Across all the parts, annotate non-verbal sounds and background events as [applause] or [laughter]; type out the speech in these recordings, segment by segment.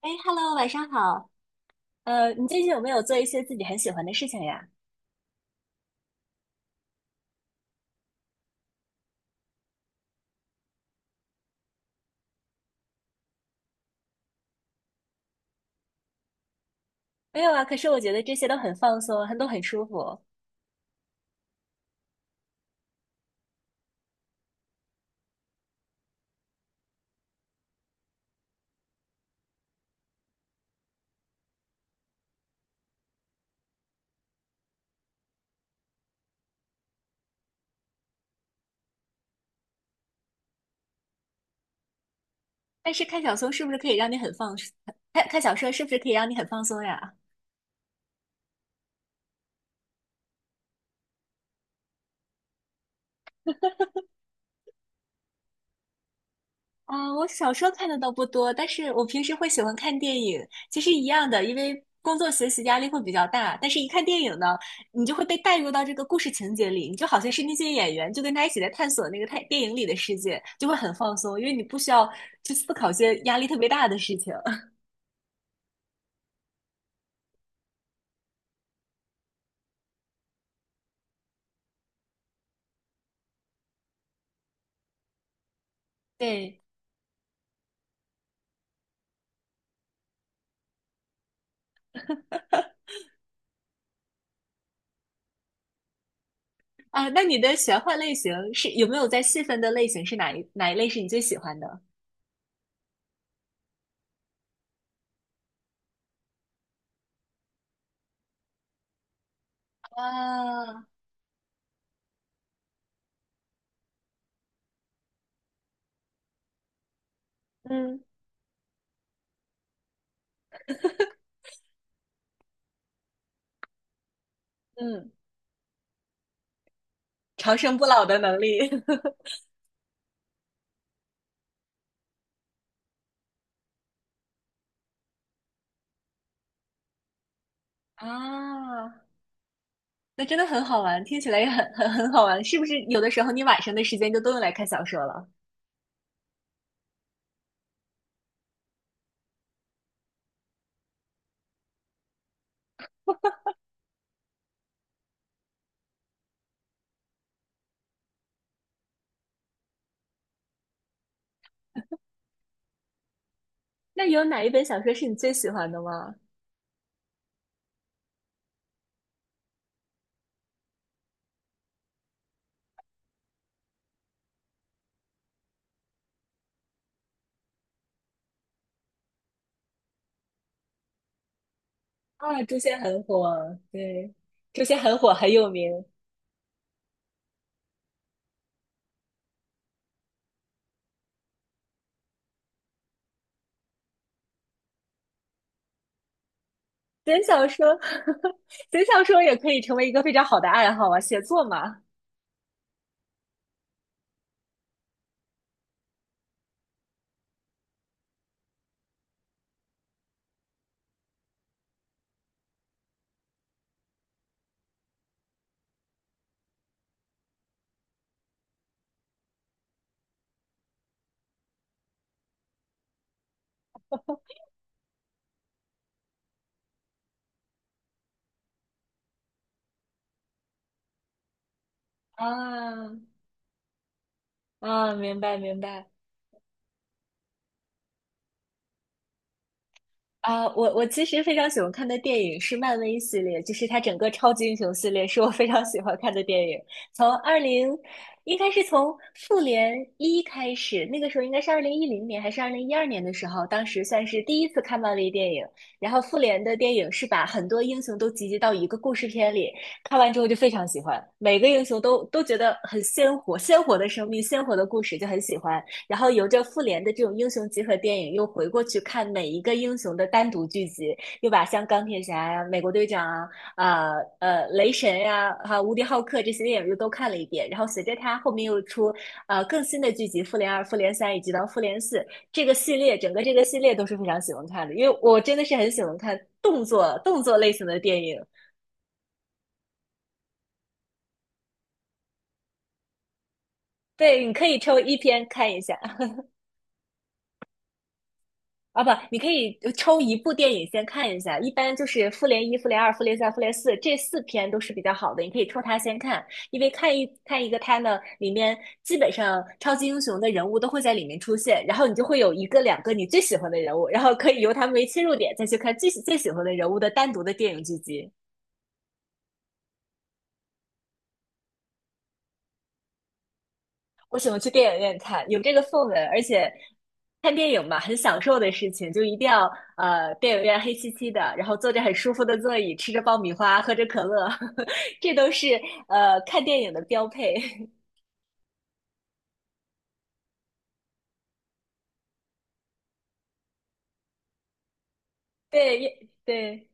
哎，Hello，晚上好。你最近有没有做一些自己很喜欢的事情呀？没有啊，可是我觉得这些都很放松，都很舒服。但是看小说是不是可以让你很放松？看小说是不是可以让你很放松呀？啊、我小说看的倒不多，但是我平时会喜欢看电影，其实一样的，因为工作学习压力会比较大，但是一看电影呢，你就会被带入到这个故事情节里，你就好像是那些演员，就跟他一起在探索那个太电影里的世界，就会很放松，因为你不需要去思考一些压力特别大的事情。对啊，那你的玄幻类型是有没有在细分的类型是哪一类是你最喜欢的？哇。嗯。嗯。长生不老的能力。 [laughs] 啊，那真的很好玩，听起来也很好玩，是不是？有的时候你晚上的时间就都用来看小说了。那有哪一本小说是你最喜欢的吗？啊，诛仙很火，对，诛仙很火，很有名。写小说，[laughs] 写小说也可以成为一个非常好的爱好啊，写作嘛。啊，啊。明白明白。啊，我其实非常喜欢看的电影是漫威系列，就是它整个超级英雄系列是我非常喜欢看的电影。从二零，应该是从复联一开始，那个时候应该是2010年还是2012年的时候，当时算是第一次看漫威电影。然后复联的电影是把很多英雄都集结到一个故事片里，看完之后就非常喜欢，每个英雄都觉得很鲜活，鲜活的生命，鲜活的故事就很喜欢。然后由着复联的这种英雄集合电影，又回过去看每一个英雄的单独剧集，又把像钢铁侠呀、美国队长啊、雷神呀、哈、无敌浩克这些电影又都看了一遍。然后随着他后面又出更新的剧集《复联二》《复联三》以及到《复联四》这个系列，整个这个系列都是非常喜欢看的，因为我真的是很喜欢看动作类型的电影。对，你可以抽一篇看一下。啊不，你可以抽一部电影先看一下，一般就是《复联一》《复联二》《复联三》《复联四》这四篇都是比较好的，你可以抽它先看，因为看一个它呢，里面基本上超级英雄的人物都会在里面出现，然后你就会有一个两个你最喜欢的人物，然后可以由他们为切入点再去看最喜欢的人物的单独的电影剧集。我喜欢去电影院看，有这个氛围，而且看电影嘛，很享受的事情，就一定要电影院黑漆漆的，然后坐着很舒服的座椅，吃着爆米花，喝着可乐，[laughs] 这都是看电影的标配。[laughs] 对，也对，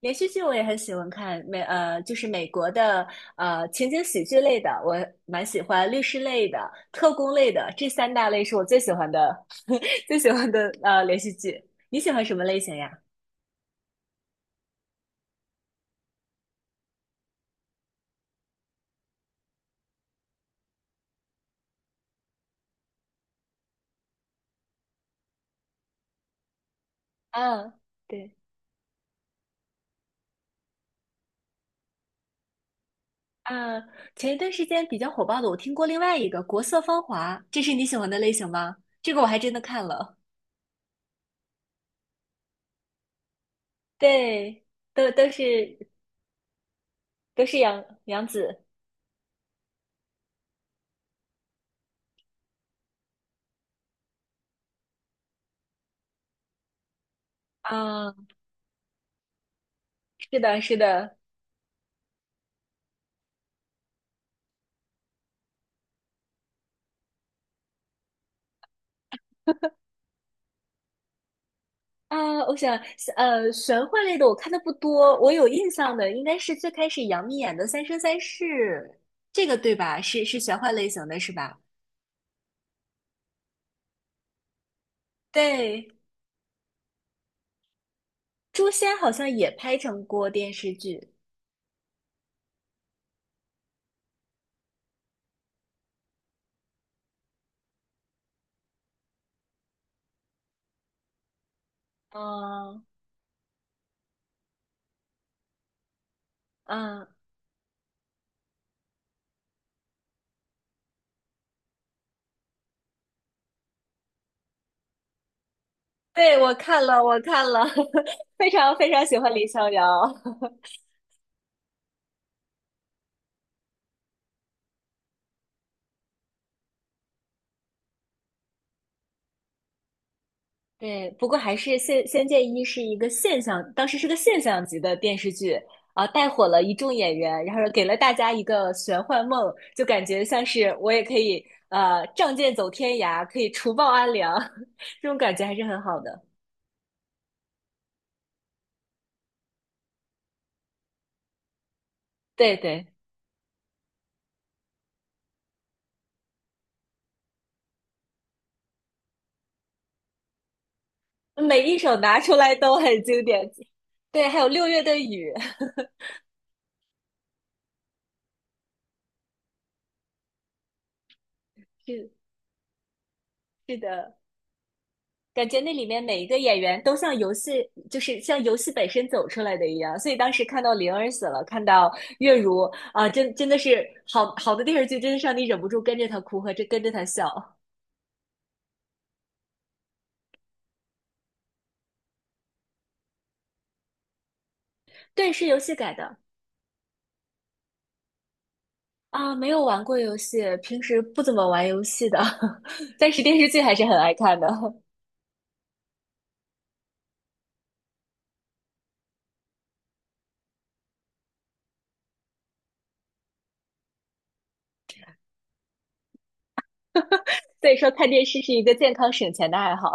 连续剧我也很喜欢看，就是美国的情景喜剧类的，我蛮喜欢，律师类的、特工类的，这三大类是我最喜欢的 [laughs] 最喜欢的连续剧。你喜欢什么类型呀？嗯。对。啊，前一段时间比较火爆的，我听过另外一个《国色芳华》，这是你喜欢的类型吗？这个我还真的看了。对，都都是都是杨紫。啊，是的，是的。啊，我想，玄幻类的我看的不多，我有印象的应该是最开始杨幂演的《三生三世》。这个对吧？是玄幻类型的，是吧？对，《诛仙》好像也拍成过电视剧。嗯。[laughs] 对，我看了，我看了，[laughs] 非常非常喜欢李逍遥。[laughs] 对，不过还是《仙剑一》是一个现象，当时是个现象级的电视剧啊，带火了一众演员，然后给了大家一个玄幻梦，就感觉像是我也可以仗剑走天涯，可以除暴安良，[laughs] 这种感觉还是很好的。对对，每一首拿出来都很经典。[laughs] 对，还有六月的雨，[laughs] 是是的。感觉那里面每一个演员都像游戏，就是像游戏本身走出来的一样。所以当时看到灵儿死了，看到月如啊，真的是好电视剧，真是让你忍不住跟着他哭和这跟着他笑。对，是游戏改的啊，没有玩过游戏，平时不怎么玩游戏的，[laughs] 但是电视剧还是很爱看的。所以说，看电视是一个健康省钱的爱好。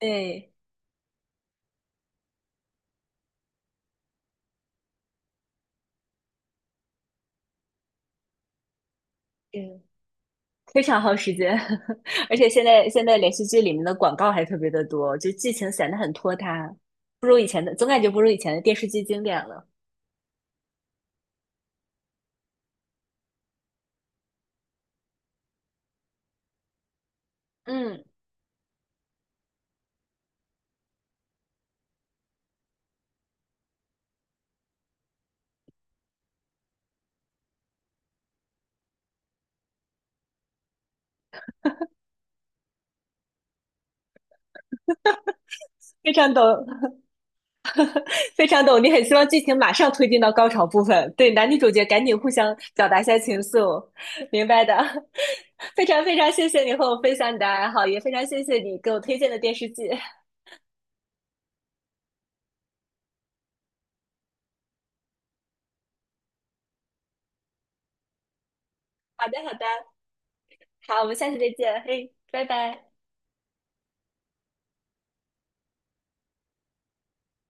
[laughs] 对。嗯。非常耗时间，[laughs] 而且现在连续剧里面的广告还特别的多，就剧情显得很拖沓，不如以前的，总感觉不如以前的电视剧经典了。嗯，非常懂，[laughs] 非常懂，你很希望剧情马上推进到高潮部分，对男女主角赶紧互相表达一下情愫，明白的。[laughs] 非常非常谢谢你和我分享你的爱好，也非常谢谢你给我推荐的电视剧。[laughs] 好的，好的，好，我们下次再见，嘿，拜拜。